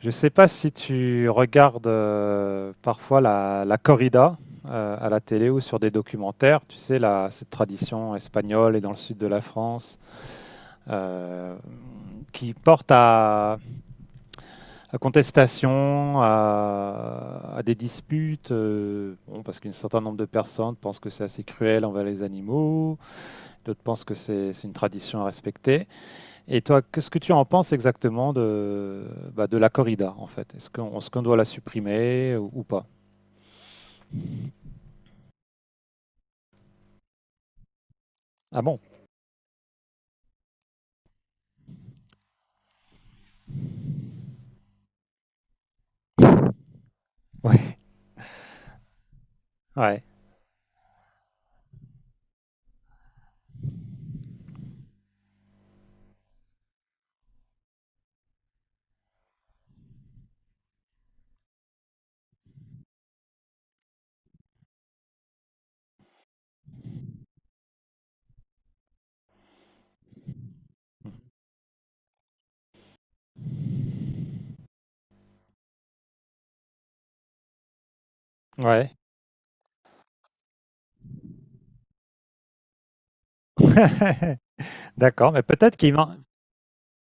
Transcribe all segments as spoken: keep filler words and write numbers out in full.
Je ne sais pas si tu regardes euh, parfois la, la corrida euh, à la télé ou sur des documentaires. Tu sais, la, cette tradition espagnole et dans le sud de la France euh, qui porte à, à contestation, à, à des disputes, euh, bon, parce qu'un certain nombre de personnes pensent que c'est assez cruel envers les animaux, d'autres pensent que c'est c'est une tradition à respecter. Et toi, qu'est-ce que tu en penses exactement de, bah, de la corrida, en fait? Est-ce qu'on est-ce qu'on doit la supprimer ou, ou pas? Ah bon? Ouais, ouais, ouais. D'accord, mais peut-être qu'il man-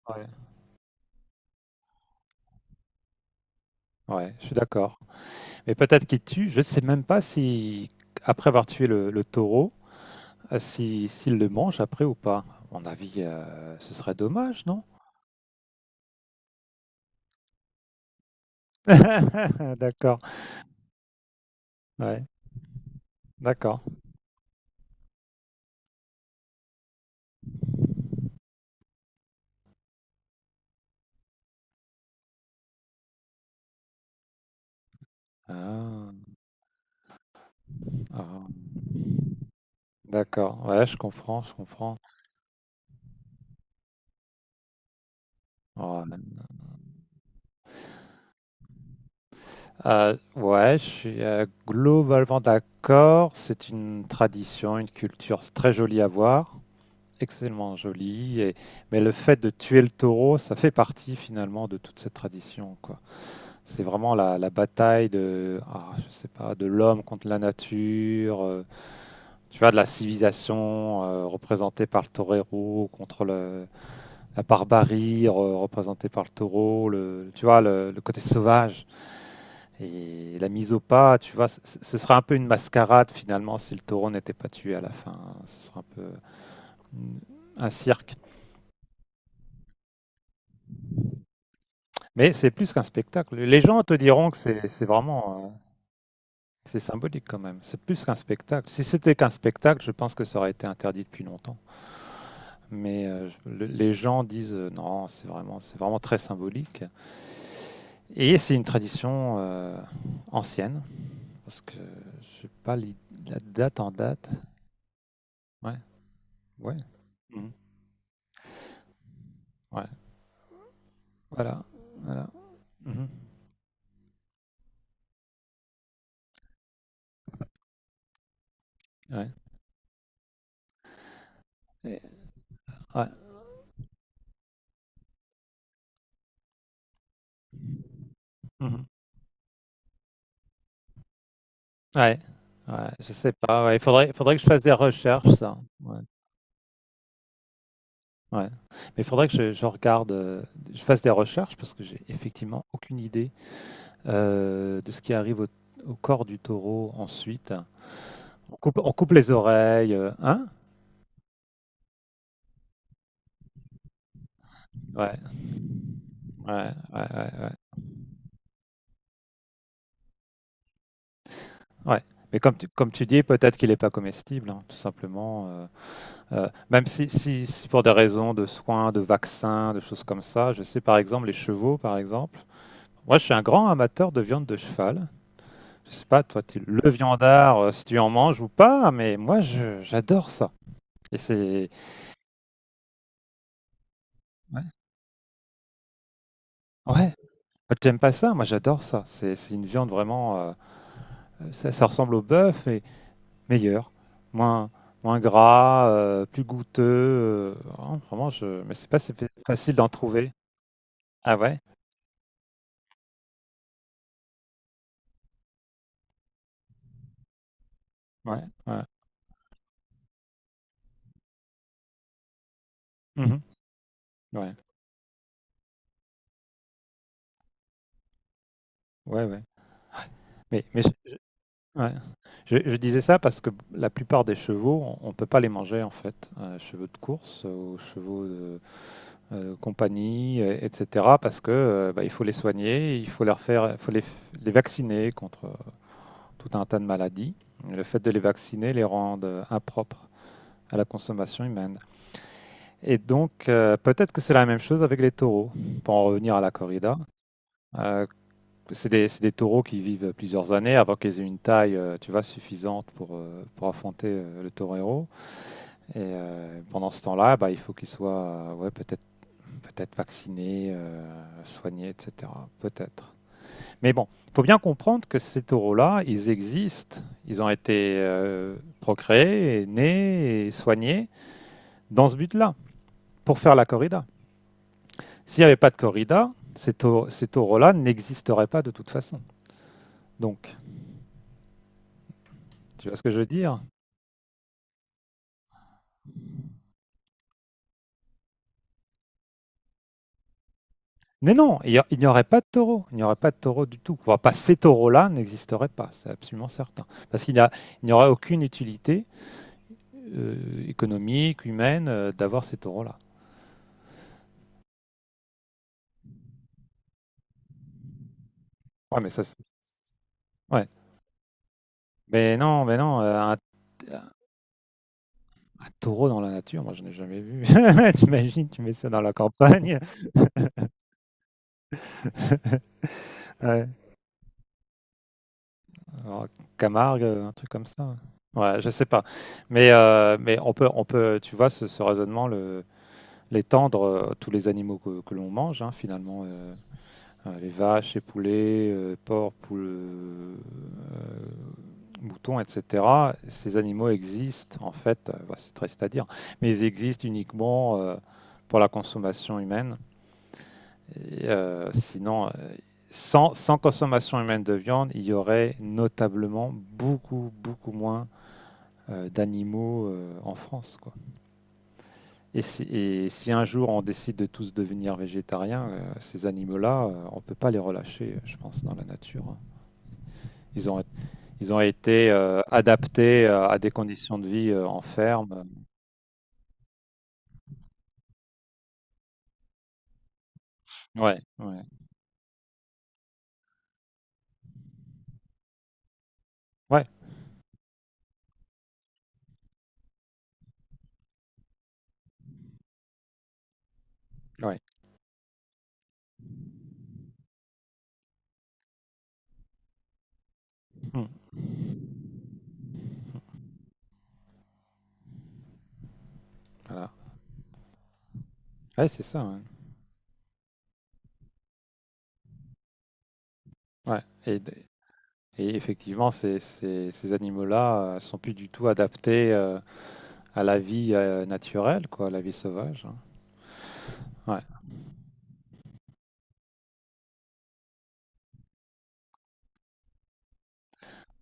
Ouais, ouais, je suis d'accord. Mais peut-être qu'il tue, je ne sais même pas si, après avoir tué le, le taureau, euh, si, s'il le mange après ou pas. À mon avis, euh, ce serait dommage, non? D'accord, ouais, d'accord. Ah, ah, d'accord, ouais, je comprends, je comprends. Ouais. Euh, ouais, je suis euh, globalement d'accord. C'est une tradition, une culture, c'est très jolie à voir, extrêmement jolie. Et... Mais le fait de tuer le taureau, ça fait partie finalement de toute cette tradition, quoi. C'est vraiment la, la bataille de, ah, je sais pas, de l'homme contre la nature, euh, tu vois, de la civilisation euh, représentée par le torero contre le- la barbarie re- représentée par le taureau, le, tu vois, le, le côté sauvage et la mise au pas, tu vois, c- ce sera un peu une mascarade finalement si le taureau n'était pas tué à la fin. Ce sera un peu un cirque. Mais c'est plus qu'un spectacle. Les gens te diront que c'est c'est vraiment, euh, c'est symbolique quand même. C'est plus qu'un spectacle. Si c'était qu'un spectacle, je pense que ça aurait été interdit depuis longtemps. Mais euh, je- le- les gens disent euh, non, c'est vraiment, c'est vraiment très symbolique. Et c'est une tradition euh, ancienne, parce que je sais pas li- la date en date. Ouais, ouais. Mhm. Ouais. Voilà, voilà. Mhm. Ouais. Et- ouais. Mhm. Ouais, ouais, je sais pas. Ouais, il faudrait, faudrait que je fasse des recherches, ça. Ouais, ouais. Mais il faudrait que je, je regarde, euh, je fasse des recherches parce que j'ai effectivement aucune idée euh, de ce qui arrive au, au corps du taureau ensuite. On coupe, on coupe les oreilles, euh, hein? Ouais, ouais, ouais, ouais, ouais. Ouais. Mais comme tu, comme tu dis, peut-être qu'il n'est pas comestible, hein, tout simplement. euh, Euh, même si, si- si pour des raisons de soins, de vaccins, de choses comme ça, je sais par exemple les chevaux, par exemple. Moi, je suis un grand amateur de viande de cheval. Je sais pas, toi, tu le viandard, euh, si tu en manges ou pas, mais moi, je- j'adore ça. Et c'est... Ouais. Ouais. Toi, t'aimes pas ça? Moi, j'adore ça. C'est c'est une viande vraiment... euh, ça, ça ressemble au bœuf, mais meilleur. Moins, moins gras, euh, plus goûteux. euh, vraiment, je... Mais c'est pas si fa- facile d'en trouver. Ah ouais? Ouais. Ouais. Mhm. Ouais. Ouais, ouais. Mais, mais je, ouais. Je- je disais ça parce que la plupart des chevaux, on ne peut pas les manger en fait. Euh, chevaux de course, aux chevaux de euh, compagnie, euh, et cetera. Parce que euh, bah, il faut les soigner, il faut leur faire, il faut les, les vacciner contre euh, tout un tas de maladies. Le fait de les vacciner les rend euh, impropres à la consommation humaine. Et donc euh, peut-être que c'est la même chose avec les taureaux. Pour en revenir à la corrida, euh, c'est des, c'est des taureaux qui vivent plusieurs années avant qu'ils aient une taille, euh, tu vois, suffisante pour, euh, pour affronter euh, le torero. Et euh, pendant ce temps-là, bah, il faut qu'ils soient, euh, ouais, peut-être peut-être vaccinés, euh, soignés, et cetera. Peut-être. Mais bon, il faut bien comprendre que ces taureaux-là, ils existent. Ils ont été euh, procréés, et nés et soignés dans ce but-là, pour faire la corrida. S'il n'y avait pas de corrida, ces tau- ces taureaux-là n'existeraient pas de toute façon. Donc, tu vois ce que je veux dire. Mais non, il y a- il n'y aurait pas de taureau, il n'y aurait pas de taureau du tout. Enfin, pas ces taureaux-là n'existeraient pas, c'est absolument certain. Parce qu'il n'a- il n'y aurait aucune utilité euh, économique, humaine, euh, d'avoir ces taureaux-là. Ouais, mais ça, c'est- ouais. Mais non, mais non, euh, un, un taureau dans la nature, moi, je n'ai jamais vu. T'imagines, tu mets ça dans la campagne, ouais. Alors, Camargue, un truc comme ça. Ouais, je sais pas. Mais, euh, mais on peut, on peut, tu vois, ce, ce raisonnement le, les tendre euh, tous les animaux que, que l'on mange, hein, finalement, euh, euh, les vaches, les poulets, euh, porcs, poules, euh, moutons, et cetera. Ces animaux existent, en fait, euh, bah, c'est triste à dire, mais ils existent uniquement euh, pour la consommation humaine. Et, euh, sinon, euh, sans, sans consommation humaine de viande, il y aurait notablement beaucoup, beaucoup moins euh, d'animaux euh, en France, quoi. Et si, et si un jour on décide de tous devenir végétariens, euh, ces animaux-là, euh, on ne peut pas les relâcher, euh, je pense, dans la nature, hein. Ils ont, ils ont été euh, adaptés euh, à des conditions de vie euh, en ferme. Ouais, ouais, ouais, ouais. Hmm, voilà. Ouais, c'est ça, hein. Ouais. Et, et effectivement, ces, ces, ces animaux-là euh, sont plus du tout adaptés euh, à la vie euh, naturelle, quoi, à la vie sauvage, hein. Ouais.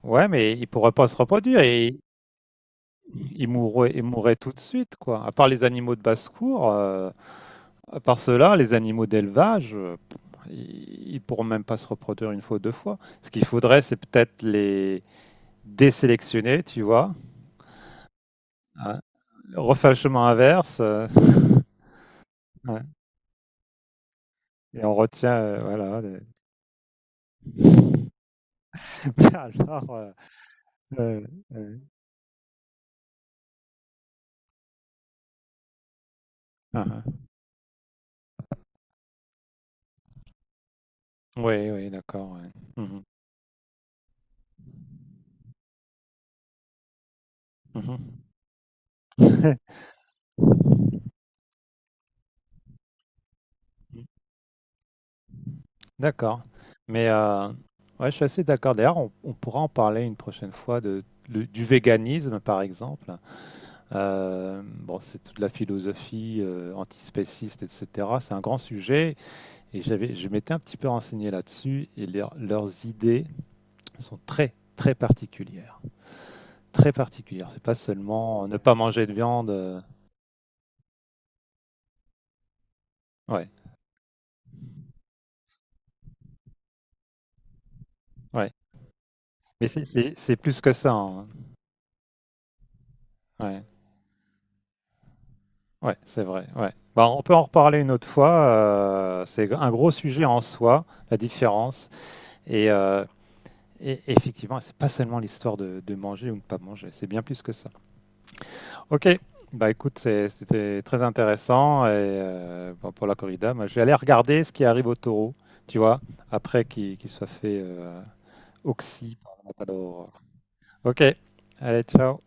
Ouais, mais ils pourraient pas se reproduire. Et ils mourraient, ils mourraient tout de suite, quoi. À part les animaux de basse-cour, euh, à part ceux-là, les animaux d'élevage, euh, ils ils pourront même pas se reproduire une fois ou deux fois. Ce qu'il faudrait, c'est peut-être les désélectionner, tu vois. Hein, refaire le chemin inverse. euh, ouais. Et on retient, euh, voilà. des- Mais alors, euh, euh, euh, ah, ah. Oui, oui, d'accord, ouais. Mhm, mhm. D'accord. Mais euh, ouais, je suis assez d'accord. D'ailleurs, on, on pourra en parler une prochaine fois de, le- du véganisme, par exemple. Euh, bon, c'est toute la philosophie euh, antispéciste, et cetera. C'est un grand sujet et j'avais, je m'étais un petit peu renseigné là-dessus et leur- leurs idées sont très, très particulières. Très particulières. C'est pas seulement ne pas manger de viande. euh, ouais, ouais. Mais c'est c'est- c'est plus que ça, hein. Ouais. Ouais, c'est vrai. Ouais. Bah, on peut en reparler une autre fois. euh, c'est un gros sujet en soi, la différence. Et, euh, et effectivement, c'est pas seulement l'histoire de, de manger ou de pas manger. C'est bien plus que ça. Ok. Bah écoute, c'est- c'était très intéressant. Et euh, bon, pour la corrida, moi, je vais aller regarder ce qui arrive au taureau. Tu vois, après qu'il qu'il soit fait euh, oxy par le matador. Ok. Allez, ciao.